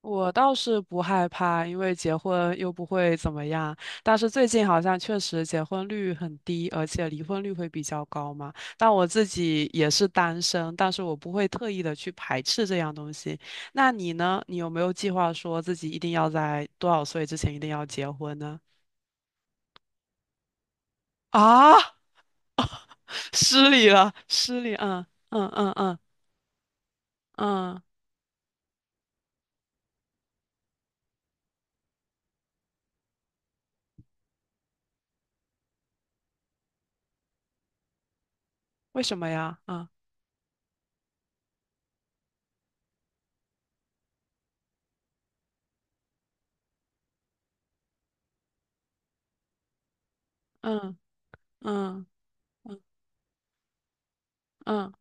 我倒是不害怕，因为结婚又不会怎么样。但是最近好像确实结婚率很低，而且离婚率会比较高嘛。但我自己也是单身，但是我不会特意的去排斥这样东西。那你呢？你有没有计划说自己一定要在多少岁之前一定要结婚呢？啊，失礼了，失礼，嗯嗯嗯嗯嗯，为什么呀？嗯嗯嗯嗯。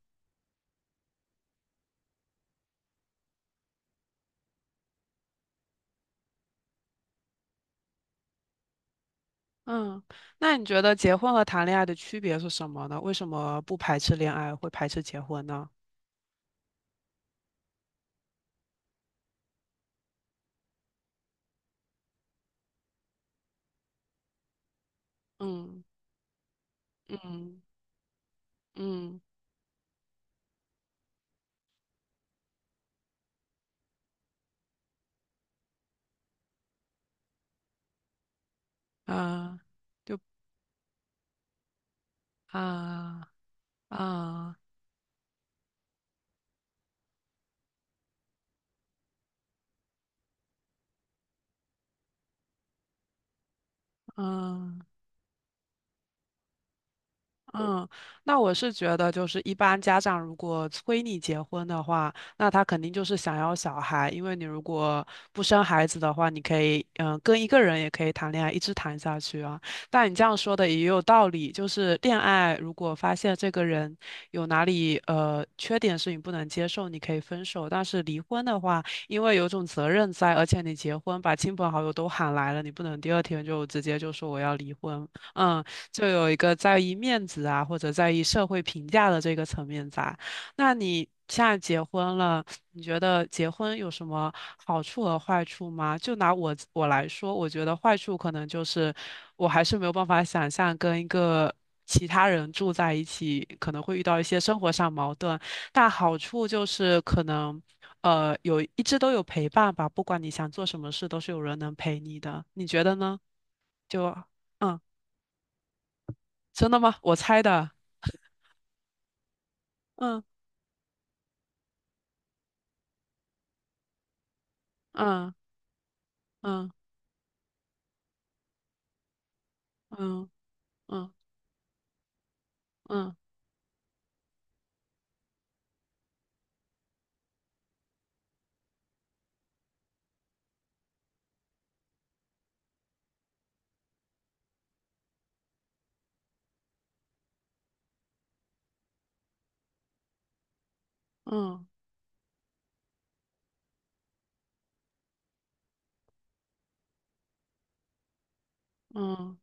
嗯，那你觉得结婚和谈恋爱的区别是什么呢？为什么不排斥恋爱，会排斥结婚呢？嗯嗯嗯啊，就啊啊啊。嗯，那我是觉得，就是一般家长如果催你结婚的话，那他肯定就是想要小孩，因为你如果不生孩子的话，你可以，跟一个人也可以谈恋爱，一直谈下去啊。但你这样说的也有道理，就是恋爱如果发现这个人有哪里缺点是你不能接受，你可以分手。但是离婚的话，因为有种责任在，而且你结婚把亲朋好友都喊来了，你不能第二天就直接就说我要离婚。嗯，就有一个在意面子啊，或者在意社会评价的这个层面在。那你现在结婚了，你觉得结婚有什么好处和坏处吗？就拿我来说，我觉得坏处可能就是我还是没有办法想象跟一个其他人住在一起，可能会遇到一些生活上矛盾。但好处就是可能。有一直都有陪伴吧，不管你想做什么事，都是有人能陪你的。你觉得呢？就嗯，真的吗？我猜的。嗯嗯嗯嗯嗯嗯嗯。嗯。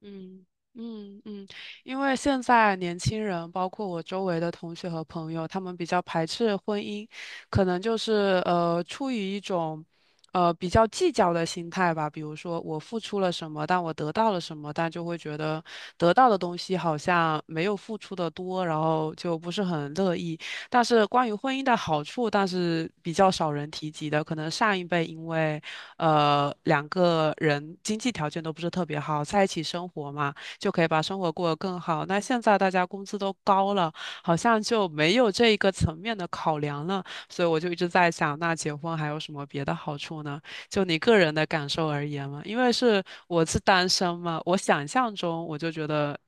嗯嗯嗯，因为现在年轻人，包括我周围的同学和朋友，他们比较排斥婚姻，可能就是出于一种比较计较的心态吧。比如说我付出了什么，但我得到了什么，但就会觉得得到的东西好像没有付出的多，然后就不是很乐意。但是关于婚姻的好处，但是比较少人提及的，可能上一辈因为。两个人经济条件都不是特别好，在一起生活嘛，就可以把生活过得更好。那现在大家工资都高了，好像就没有这一个层面的考量了。所以我就一直在想，那结婚还有什么别的好处呢？就你个人的感受而言嘛，因为是我是单身嘛，我想象中我就觉得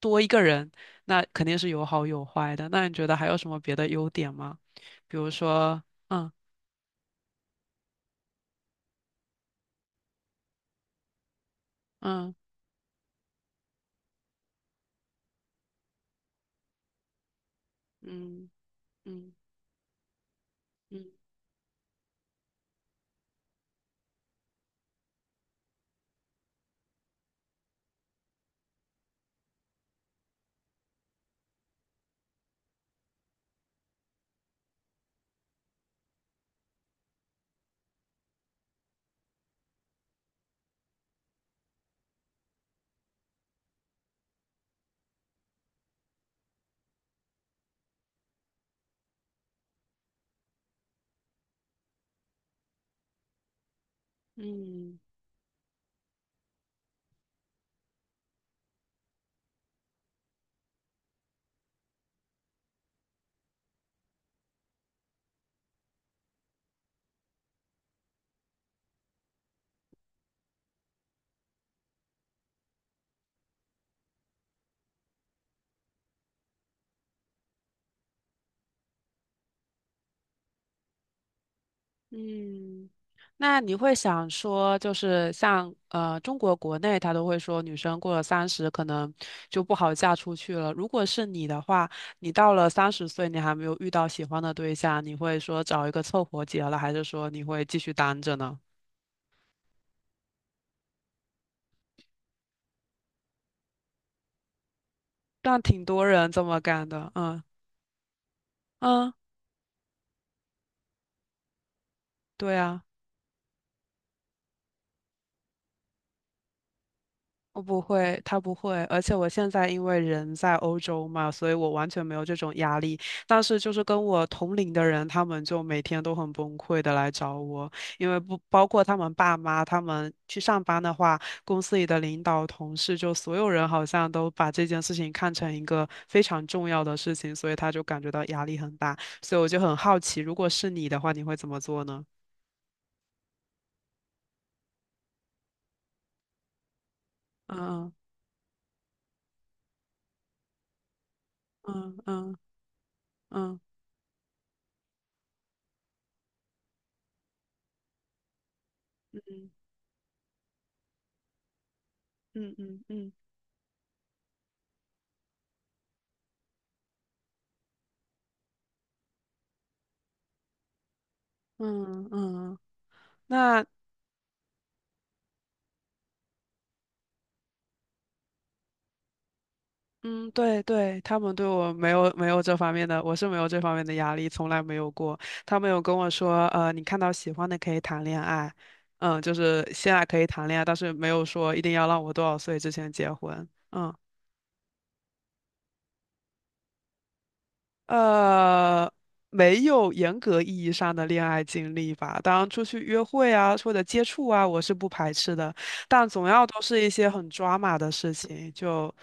多一个人，那肯定是有好有坏的。那你觉得还有什么别的优点吗？比如说，嗯嗯嗯嗯嗯。嗯嗯，那你会想说，就是像中国国内，他都会说女生过了三十可能就不好嫁出去了。如果是你的话，你到了三十岁，你还没有遇到喜欢的对象，你会说找一个凑合结了，还是说你会继续单着呢？但挺多人这么干的，嗯嗯，对啊。我不会，他不会，而且我现在因为人在欧洲嘛，所以我完全没有这种压力。但是就是跟我同龄的人，他们就每天都很崩溃的来找我，因为不包括他们爸妈，他们去上班的话，公司里的领导、同事，就所有人好像都把这件事情看成一个非常重要的事情，所以他就感觉到压力很大。所以我就很好奇，如果是你的话，你会怎么做呢？嗯嗯嗯嗯嗯嗯嗯嗯嗯嗯，那嗯，对对，他们对我没有这方面的，我是没有这方面的压力，从来没有过。他们有跟我说，你看到喜欢的可以谈恋爱，嗯，就是现在可以谈恋爱，但是没有说一定要让我多少岁之前结婚。嗯。呃，没有严格意义上的恋爱经历吧。当然，出去约会啊，或者接触啊，我是不排斥的。但总要都是一些很抓马的事情，就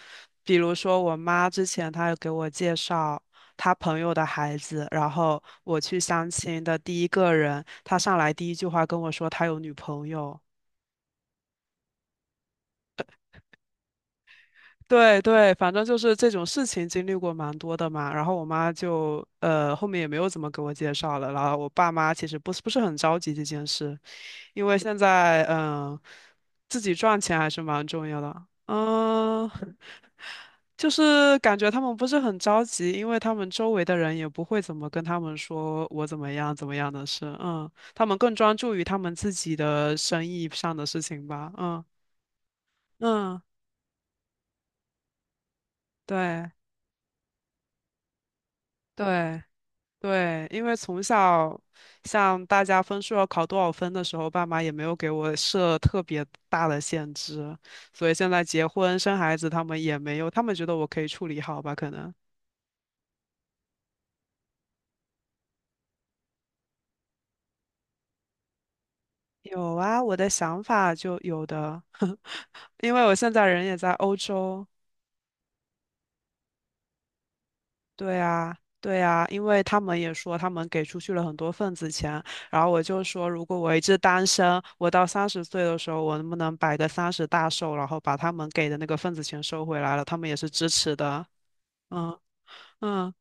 比如说我妈之前她有给我介绍她朋友的孩子，然后我去相亲的第一个人，他上来第一句话跟我说他有女朋友。对对，反正就是这种事情经历过蛮多的嘛。然后我妈就后面也没有怎么给我介绍了。然后我爸妈其实不是很着急这件事，因为现在呃自己赚钱还是蛮重要的。嗯、就是感觉他们不是很着急，因为他们周围的人也不会怎么跟他们说我怎么样怎么样的事。嗯，他们更专注于他们自己的生意上的事情吧。嗯嗯，对对。对，因为从小像大家分数要考多少分的时候，爸妈也没有给我设特别大的限制，所以现在结婚生孩子，他们也没有，他们觉得我可以处理好吧？可能有啊，我的想法就有的，因为我现在人也在欧洲，对啊，对啊，因为他们也说他们给出去了很多份子钱，然后我就说，如果我一直单身，我到三十岁的时候，我能不能摆个三十大寿，然后把他们给的那个份子钱收回来了？他们也是支持的。嗯嗯，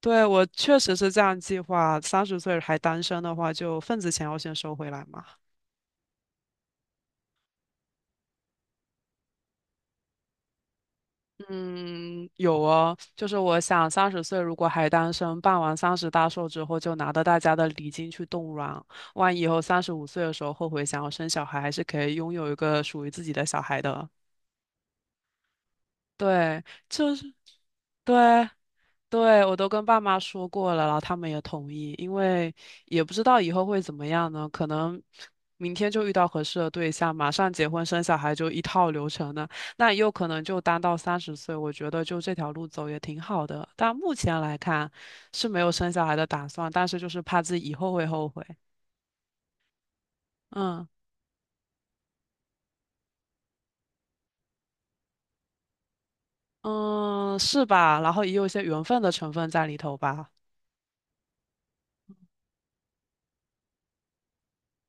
对，我确实是这样计划，三十岁还单身的话，就份子钱要先收回来嘛。嗯，有哦，就是我想三十岁如果还单身，办完三十大寿之后，就拿着大家的礼金去冻卵，万一以后35岁的时候后悔想要生小孩，还是可以拥有一个属于自己的小孩的。对，就是对。对，我都跟爸妈说过了，然后他们也同意，因为也不知道以后会怎么样呢，可能明天就遇到合适的对象，马上结婚生小孩就一套流程呢，那也有可能就单到三十岁，我觉得就这条路走也挺好的，但目前来看是没有生小孩的打算，但是就是怕自己以后会后悔，嗯嗯，是吧？然后也有一些缘分的成分在里头吧。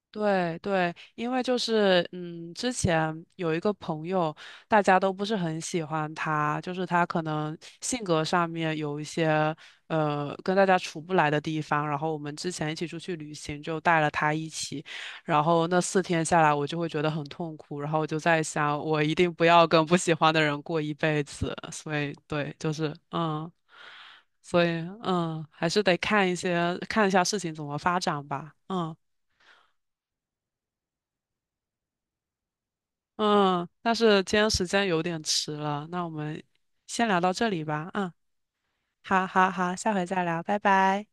对对，因为就是之前有一个朋友，大家都不是很喜欢他，就是他可能性格上面有一些跟大家处不来的地方。然后我们之前一起出去旅行，就带了他一起，然后那4天下来，我就会觉得很痛苦。然后我就在想，我一定不要跟不喜欢的人过一辈子。所以对，就是所以还是得看一下事情怎么发展吧，嗯。嗯，但是今天时间有点迟了，那我们先聊到这里吧。嗯，好好好，下回再聊，拜拜。